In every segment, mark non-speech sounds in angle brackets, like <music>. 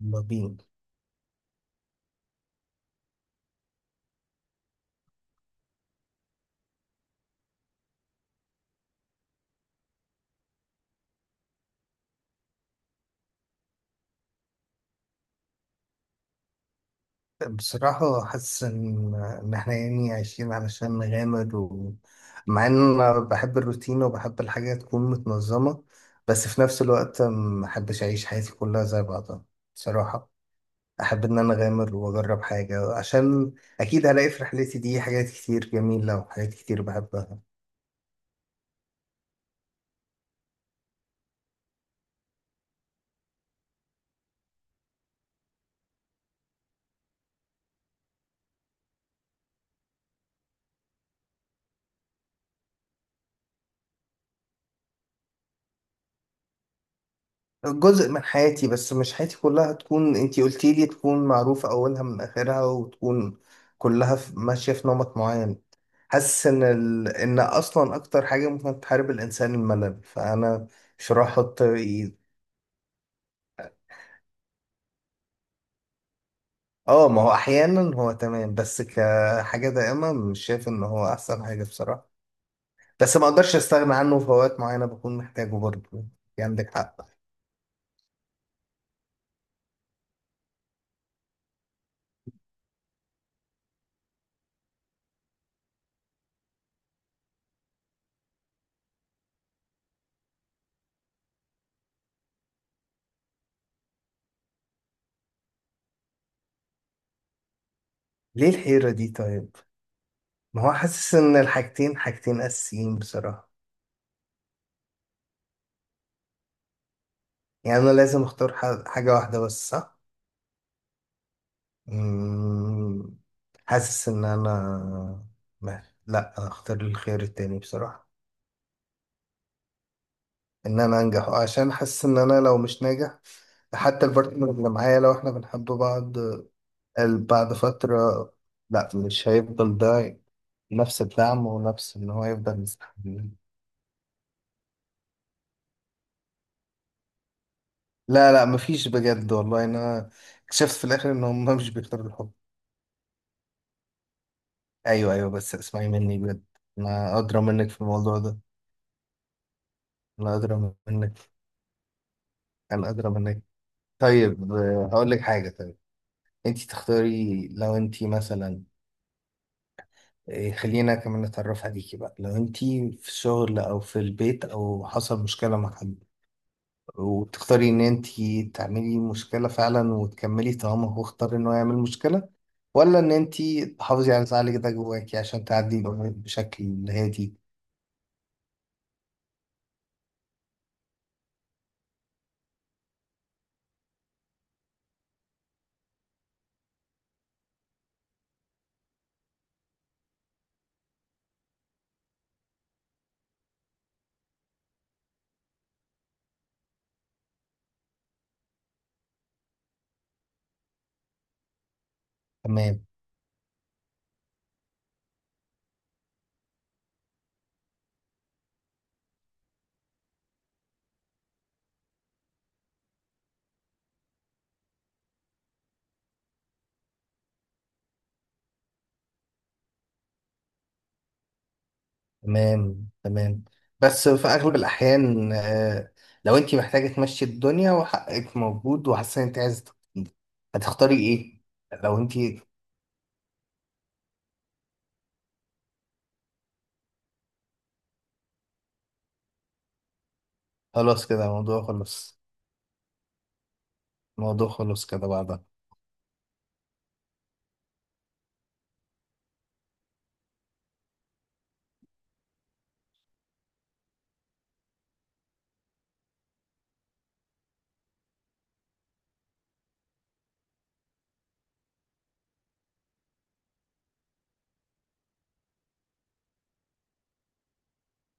يلا بينا. بصراحة حاسس إن إحنا يعني عايشين علشان نغامر، ومع إن أنا بحب الروتين وبحب الحاجة تكون متنظمة، بس في نفس الوقت ما أحبش أعيش حياتي كلها زي بعضها. بصراحة أحب إن أنا أغامر وأجرب حاجة، عشان أكيد هلاقي في رحلتي دي حاجات كتير جميلة وحاجات كتير بحبها. جزء من حياتي، بس مش حياتي كلها تكون انتي قلتي لي تكون معروفة أولها من آخرها وتكون كلها ماشية في نمط معين. حاسس إن إن أصلا أكتر حاجة ممكن تحارب الإنسان الملل، فأنا مش راح أحط إيد. آه، ما هو أحيانا هو تمام، بس كحاجة دائمة مش شايف إن هو أحسن حاجة بصراحة. بس ما أقدرش أستغنى عنه في أوقات معينة، بكون محتاجه برضه يعني. عندك حق. ليه الحيرة دي طيب؟ ما هو حاسس إن الحاجتين حاجتين أساسيين بصراحة. يعني انا لازم اختار حاجة واحدة بس، صح؟ مم، حاسس ان انا لا، أنا اختار الخيار التاني بصراحة. ان انا انجح، عشان حاسس ان انا لو مش ناجح، حتى البارتنر اللي معايا لو احنا بنحب بعض، بعد فترة لا، مش هيفضل ده نفس الدعم، ونفس ان هو يفضل مستحمل. لا، لا، مفيش، بجد والله، انا اكتشفت في الاخر ان هم مش بيختاروا الحب. ايوه ايوه، بس اسمعي مني بجد، انا ادرى منك في الموضوع ده. لا، أدرى منك، أنا أدرى منك. طيب آه، هقول لك حاجة. طيب، أنت تختاري لو أنت مثلا، آه، خلينا كمان نتعرف عليكي بقى. لو أنت في الشغل أو في البيت، أو حصل مشكلة مع حد، وتختاري إن أنت تعملي مشكلة فعلا وتكملي طالما هو اختار إنه يعمل مشكلة، ولا إن أنت تحافظي على زعلك ده جواكي عشان تعدي الأمور بشكل هادي. تمام. تمام، تمام، بس في اغلب الاحيان آه، لو انت محتاجه تمشي الدنيا وحقك موجود وحاسه ان انت عايزه تبتدي، هتختاري ايه؟ لو انت، خلاص كده الموضوع خلص، الموضوع خلص كده بعدها.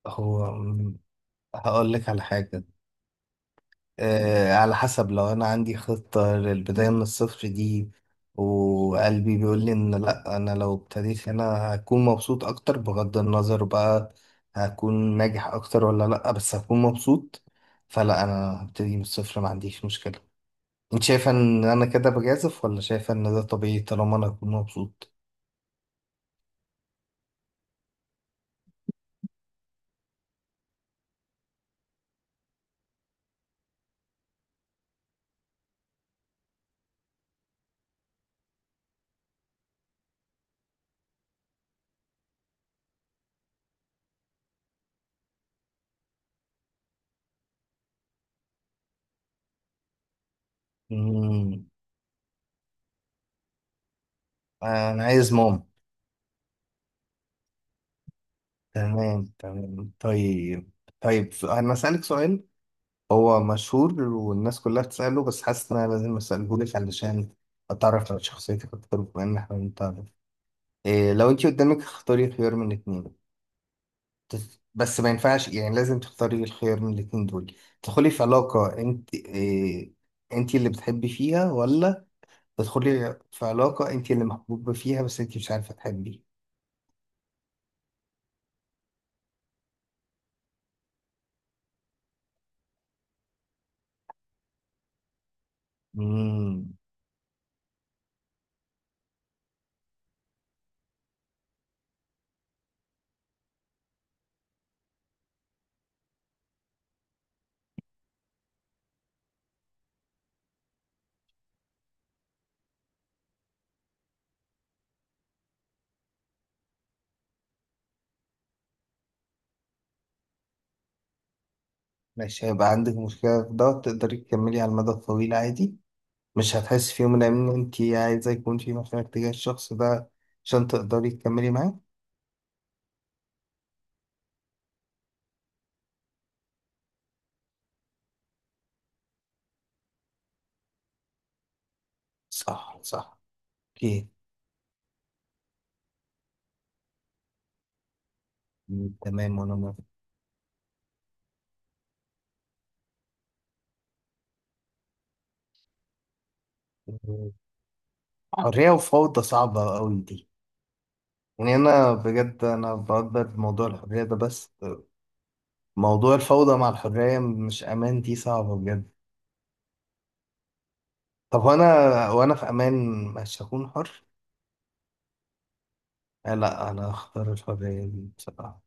هو مم، هقول لك على حاجه. آه، على حسب، لو انا عندي خطة للبداية من الصفر دي، وقلبي بيقول لي ان لا، انا لو ابتديت هنا هكون مبسوط اكتر، بغض النظر بقى هكون ناجح اكتر ولا لا، بس هكون مبسوط، فلا انا هبتدي من الصفر، ما عنديش مشكلة. انت شايفة ان انا كده بجازف، ولا شايفة ان ده طبيعي طالما انا هكون مبسوط؟ مم. انا عايز ماما. تمام تمام. طيب، طيب انا اسألك سؤال. هو مشهور والناس كلها بتسأله، بس حاسس إن أنا لازم أسألهولك علشان أتعرف على شخصيتك أكتر، بما إن إحنا بنتعرف. إيه لو أنت قدامك اختاري خيار من الاتنين، بس ما ينفعش، يعني لازم تختاري الخيار من الاتنين دول. تدخلي في علاقة أنت إيه، أنت اللي بتحبي فيها، ولا تدخلي في علاقة أنت اللي محبوبة فيها، بس أنت مش عارفة تحبي. مم. ماشي، هيبقى عندك مشكلة في ده؟ تقدري تكملي على المدى الطويل عادي؟ مش هتحس في يوم من الأيام إن أنت عايزة يكون في مشاعر تجاه الشخص ده عشان تقدري تكملي معاه؟ صح، صح. أوكي. م، تمام وأنا موافق. م، حرية وفوضى صعبة أوي دي. يعني أنا بجد أنا بقدر موضوع الحرية ده، بس موضوع الفوضى مع الحرية مش أمان، دي صعبة بجد. طب وأنا في أمان مش هكون حر؟ آه لا، أنا هختار الحرية دي بصراحة.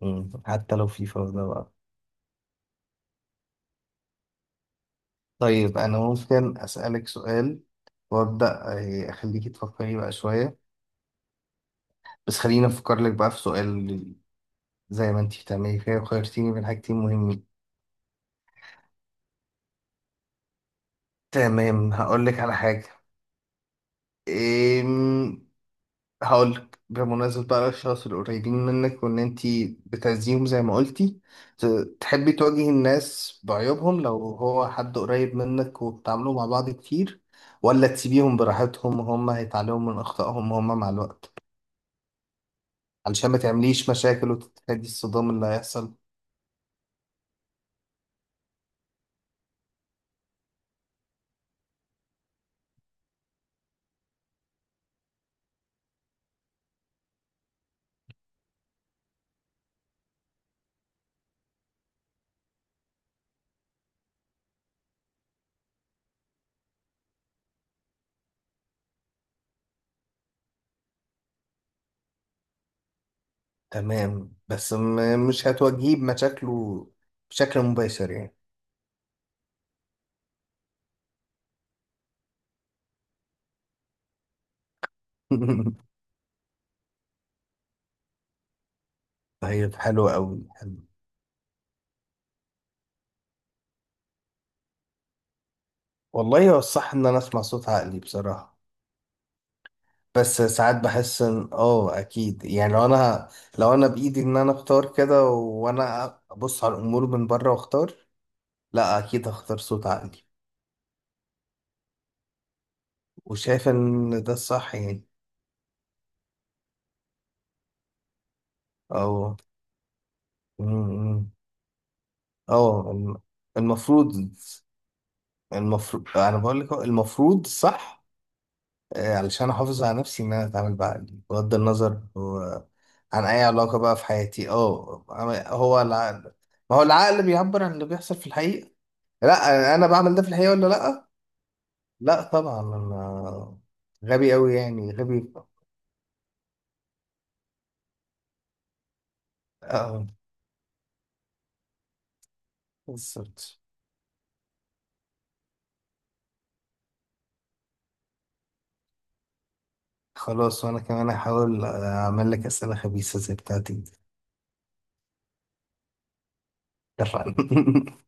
م، حتى لو في فوضى بقى. طيب أنا ممكن أسألك سؤال وأبدأ، آه، أخليكي تفكري بقى شوية، بس خليني أفكر لك بقى في سؤال، زي ما أنتي بتعملي كده وخيرتيني بين حاجتين مهمين. تمام، هقول لك على حاجة. إيم... هقول لك بمناسبة بقى الأشخاص القريبين منك، وإن أنتي بتعزيهم زي ما قلتي، تحبي تواجهي الناس بعيوبهم لو هو حد قريب منك وبتعاملوا مع بعض كتير، ولا تسيبيهم براحتهم وهم هيتعلموا من أخطائهم وهم مع الوقت، علشان ما تعمليش مشاكل وتتفادي الصدام اللي هيحصل؟ تمام، بس مش هتواجهيه بمشاكله بشكل مباشر يعني. <laughs> طيب، حلو قوي، حلو. والله هو الصح ان انا اسمع صوت عقلي بصراحة، بس ساعات بحس ان اه اكيد، يعني لو انا، لو انا بايدي ان انا اختار كده، وانا ابص على الامور من بره واختار، لا اكيد هختار صوت عقلي. وشايف ان ده الصح يعني. اه، م- م. اه المفروض، المفروض. انا بقول لك هو المفروض صح، آه، علشان احافظ على نفسي، ان انا اتعامل بقى بغض النظر هو عن اي علاقه بقى في حياتي. اه، هو العقل، ما هو العقل بيعبر عن اللي بيحصل في الحقيقه. لا، انا بعمل ده في الحقيقه ولا لا؟ لا طبعا، انا غبي قوي يعني، غبي. اه، بالظبط. خلاص، وانا كمان هحاول اعمل لك اسئله خبيثه زي بتاعتي. اتفقنا. <laughs>